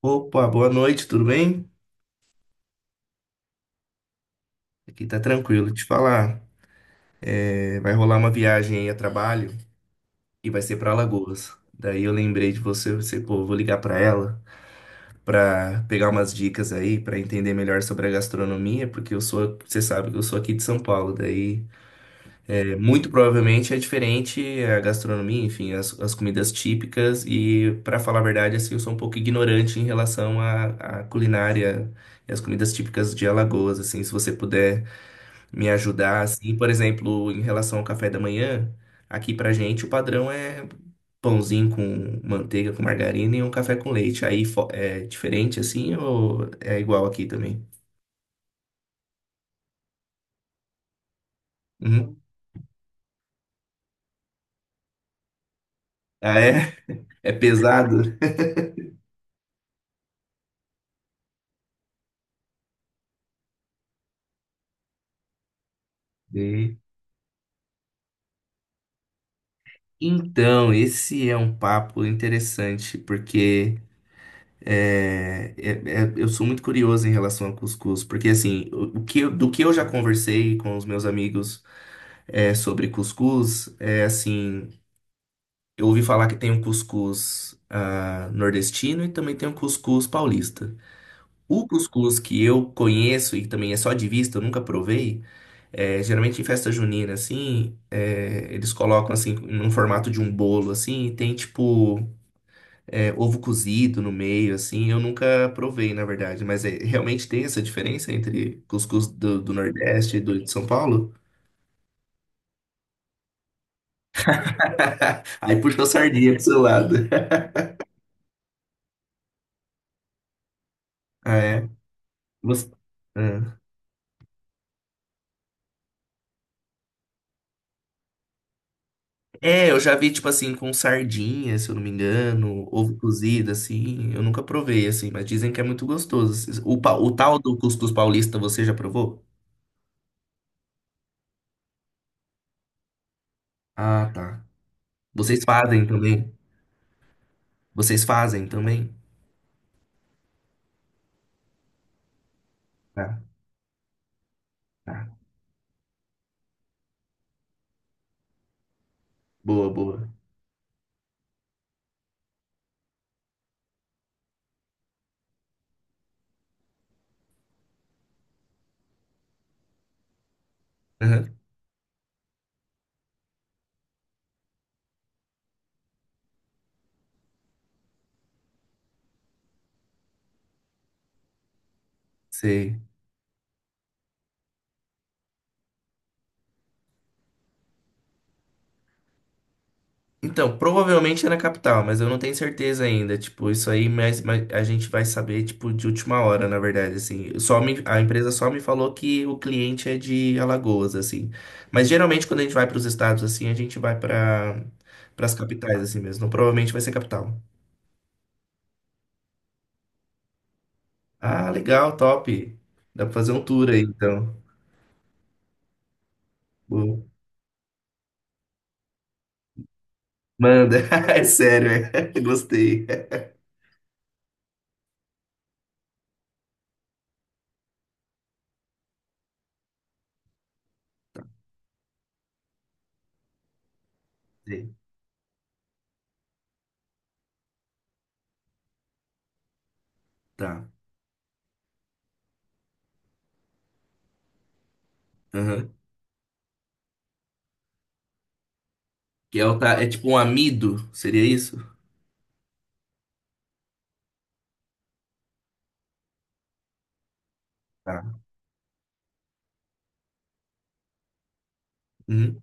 Opa, boa noite, tudo bem? Aqui tá tranquilo, te falar. Vai rolar uma viagem aí a trabalho e vai ser pra Alagoas. Daí eu lembrei de você, pô, vou ligar pra ela pra pegar umas dicas aí, pra entender melhor sobre a gastronomia, porque eu sou, você sabe que eu sou aqui de São Paulo. Daí, muito provavelmente é diferente a gastronomia, enfim, as comidas típicas e, pra falar a verdade, assim, eu sou um pouco ignorante em relação à culinária e as comidas típicas de Alagoas, assim, se você puder me ajudar, assim, por exemplo, em relação ao café da manhã, aqui pra gente o padrão é pãozinho com manteiga, com margarina e um café com leite. É diferente assim ou é igual aqui também? Uhum. Ah, é? É pesado? E- Então, esse é um papo interessante, porque eu sou muito curioso em relação ao cuscuz, porque assim, o que, do que eu já conversei com os meus amigos sobre cuscuz, é assim. Eu ouvi falar que tem um cuscuz nordestino e também tem um cuscuz paulista. O cuscuz que eu conheço e também é só de vista, eu nunca provei, geralmente em festa junina, assim, eles colocam, assim, num formato de um bolo, assim, e tem, tipo, ovo cozido no meio, assim, eu nunca provei, na verdade. Mas é, realmente tem essa diferença entre cuscuz do Nordeste e do de São Paulo? Aí puxou a sardinha pro seu lado. Ah, é? Você... Ah. É, eu já vi, tipo assim, com sardinha, se eu não me engano, ovo cozido, assim. Eu nunca provei, assim, mas dizem que é muito gostoso. Assim. O tal do cuscuz paulista, você já provou? Ah, tá. Vocês fazem também? Vocês fazem também? Tá, tá. Boa, boa. Aham, sei. Então, provavelmente é na capital, mas eu não tenho certeza ainda. Tipo, isso aí, mas a gente vai saber, tipo, de última hora, na verdade, assim. A empresa só me falou que o cliente é de Alagoas, assim. Mas geralmente quando a gente vai para os estados, assim, a gente vai para as capitais, assim mesmo. Então, provavelmente vai ser capital. Ah, legal, top. Dá pra fazer um tour aí, então. Pô, manda. É sério, é. Gostei. Sei. Tá. Aham. Que é, é tipo um amido, seria isso? Tá. Uhum.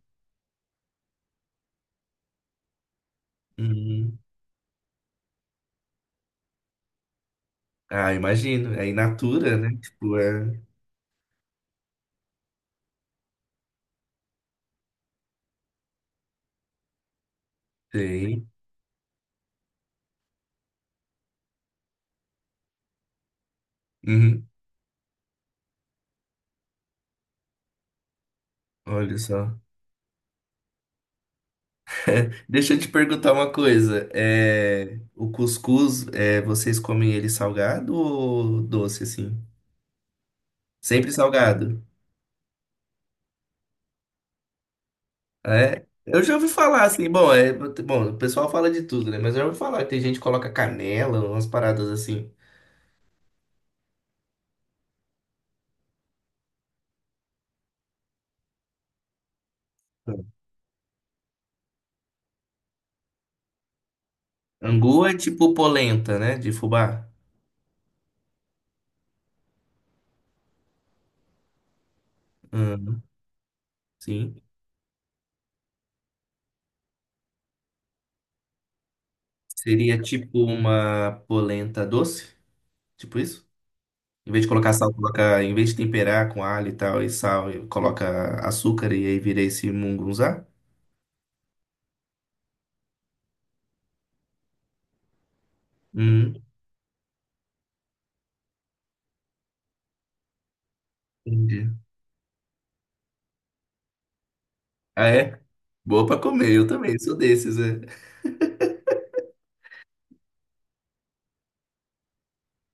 Uhum. Ah, imagino. É in natura, né? Tipo, é. Tem. Uhum. Olha só. Deixa eu te perguntar uma coisa. É... O cuscuz, é... vocês comem ele salgado ou doce, assim? Sempre salgado. Ah, é. Eu já ouvi falar assim, bom, é... bom, o pessoal fala de tudo, né? Mas eu já ouvi falar que tem gente que coloca canela, umas paradas assim. Angu é tipo polenta, né? De fubá. Uhum. Sim. Seria tipo uma polenta doce? Tipo isso? Em vez de colocar sal, coloca, em vez de temperar com alho e tal, e sal, e coloca açúcar e aí vira esse mungunzá? Hum, entendi. Ah, é? Boa pra comer, eu também sou desses, é.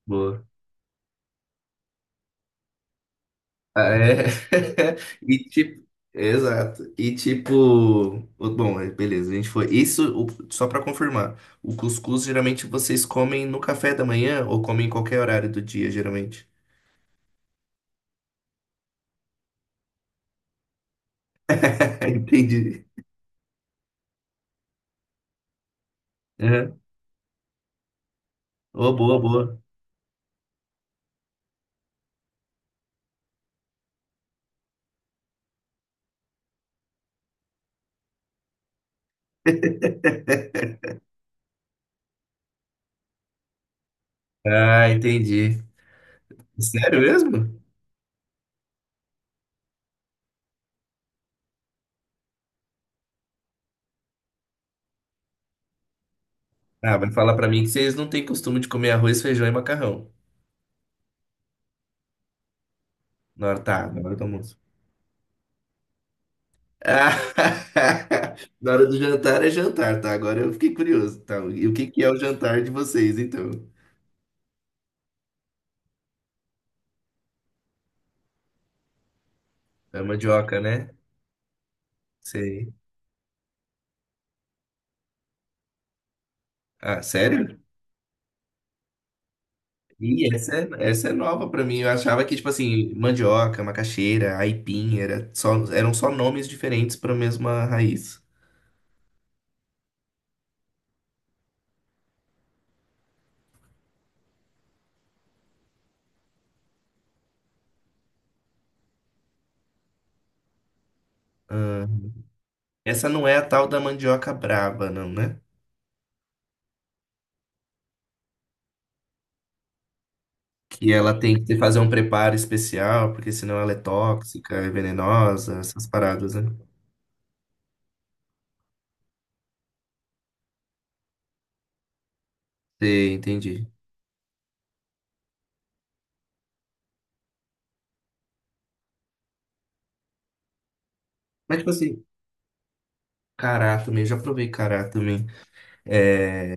Boa. Ah, é? E tipo, exato. E tipo, bom, é, beleza, a gente foi. Isso, só pra confirmar, o cuscuz geralmente vocês comem no café da manhã ou comem em qualquer horário do dia, geralmente? Entendi. Uhum. Oh, boa, boa. Ah, entendi. Sério mesmo? Ah, vai falar pra mim que vocês não têm costume de comer arroz, feijão e macarrão. Na hora, tá, na hora do almoço. Ah, na hora do jantar é jantar, tá? Agora eu fiquei curioso, tá? E o que que é o jantar de vocês, então? É mandioca, né? Sei. Ah, sério? Ih, essa é nova pra mim. Eu achava que, tipo assim, mandioca, macaxeira, aipim, eram só nomes diferentes pra mesma raiz. Essa não é a tal da mandioca brava, não, né? Que ela fazer um preparo especial, porque senão ela é tóxica, é venenosa, essas paradas, né? Sei, entendi. Mas, tipo assim, cará também, já provei cará também. É,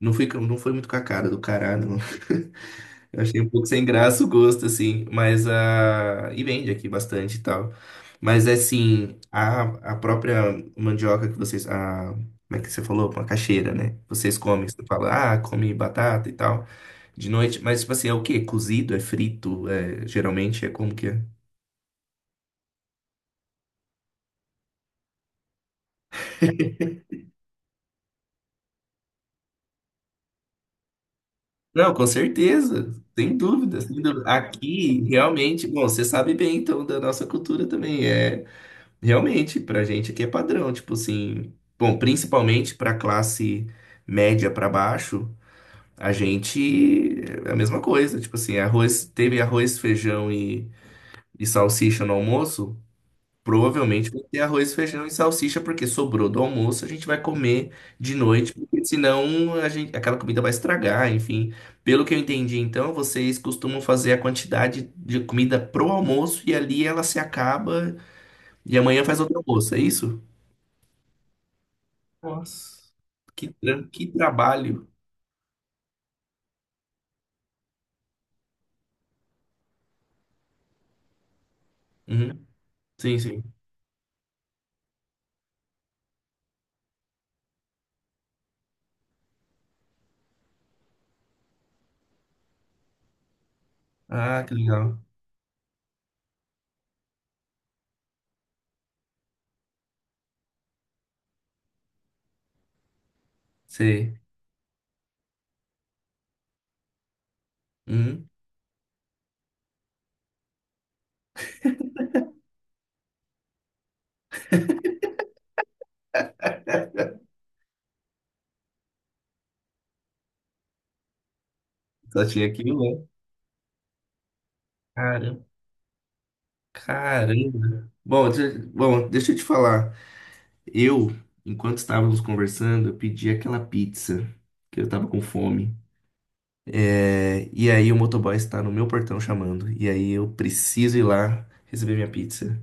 não foi muito com a cara do cará, não. Eu achei um pouco sem graça o gosto, assim, mas a. E vende aqui bastante e tal. Mas é assim, a própria mandioca que vocês. A... Como é que você falou? Macaxeira, né? Vocês comem, você fala, ah, come batata e tal, de noite. Mas, tipo assim, é o quê? Cozido? É frito? É... Geralmente é como que é? Não, com certeza, sem dúvida, sem dúvida. Aqui, realmente, bom, você sabe bem, então, da nossa cultura também. É. Realmente, pra gente aqui é padrão, tipo assim, bom, principalmente pra classe média pra baixo, a gente é a mesma coisa, tipo assim, teve arroz, e salsicha no almoço, provavelmente vai ter arroz, feijão e salsicha porque sobrou do almoço, a gente vai comer de noite, porque senão a gente, aquela comida vai estragar, enfim. Pelo que eu entendi, então, vocês costumam fazer a quantidade de comida pro almoço e ali ela se acaba e amanhã faz outro almoço, é isso? Nossa, que trabalho. Uhum. Sim, sim. Ah, que legal. Sei. Uhum. Só tinha aquilo, né? Caramba. Caramba. Bom, deixa eu te falar. Eu, enquanto estávamos conversando, eu pedi aquela pizza, que eu estava com fome. É, e aí o motoboy está no meu portão chamando. E aí eu preciso ir lá receber minha pizza.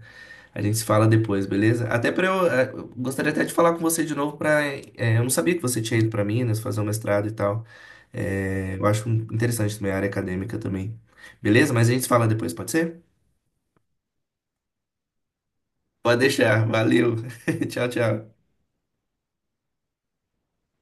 A gente se fala depois, beleza? Até para eu, eh, eu gostaria até de falar com você de novo para, eu não sabia que você tinha ido para Minas fazer um mestrado e tal. Eh, eu acho interessante também a área acadêmica também. Beleza? Mas a gente se fala depois, pode ser? Pode deixar. Valeu. Tchau, tchau.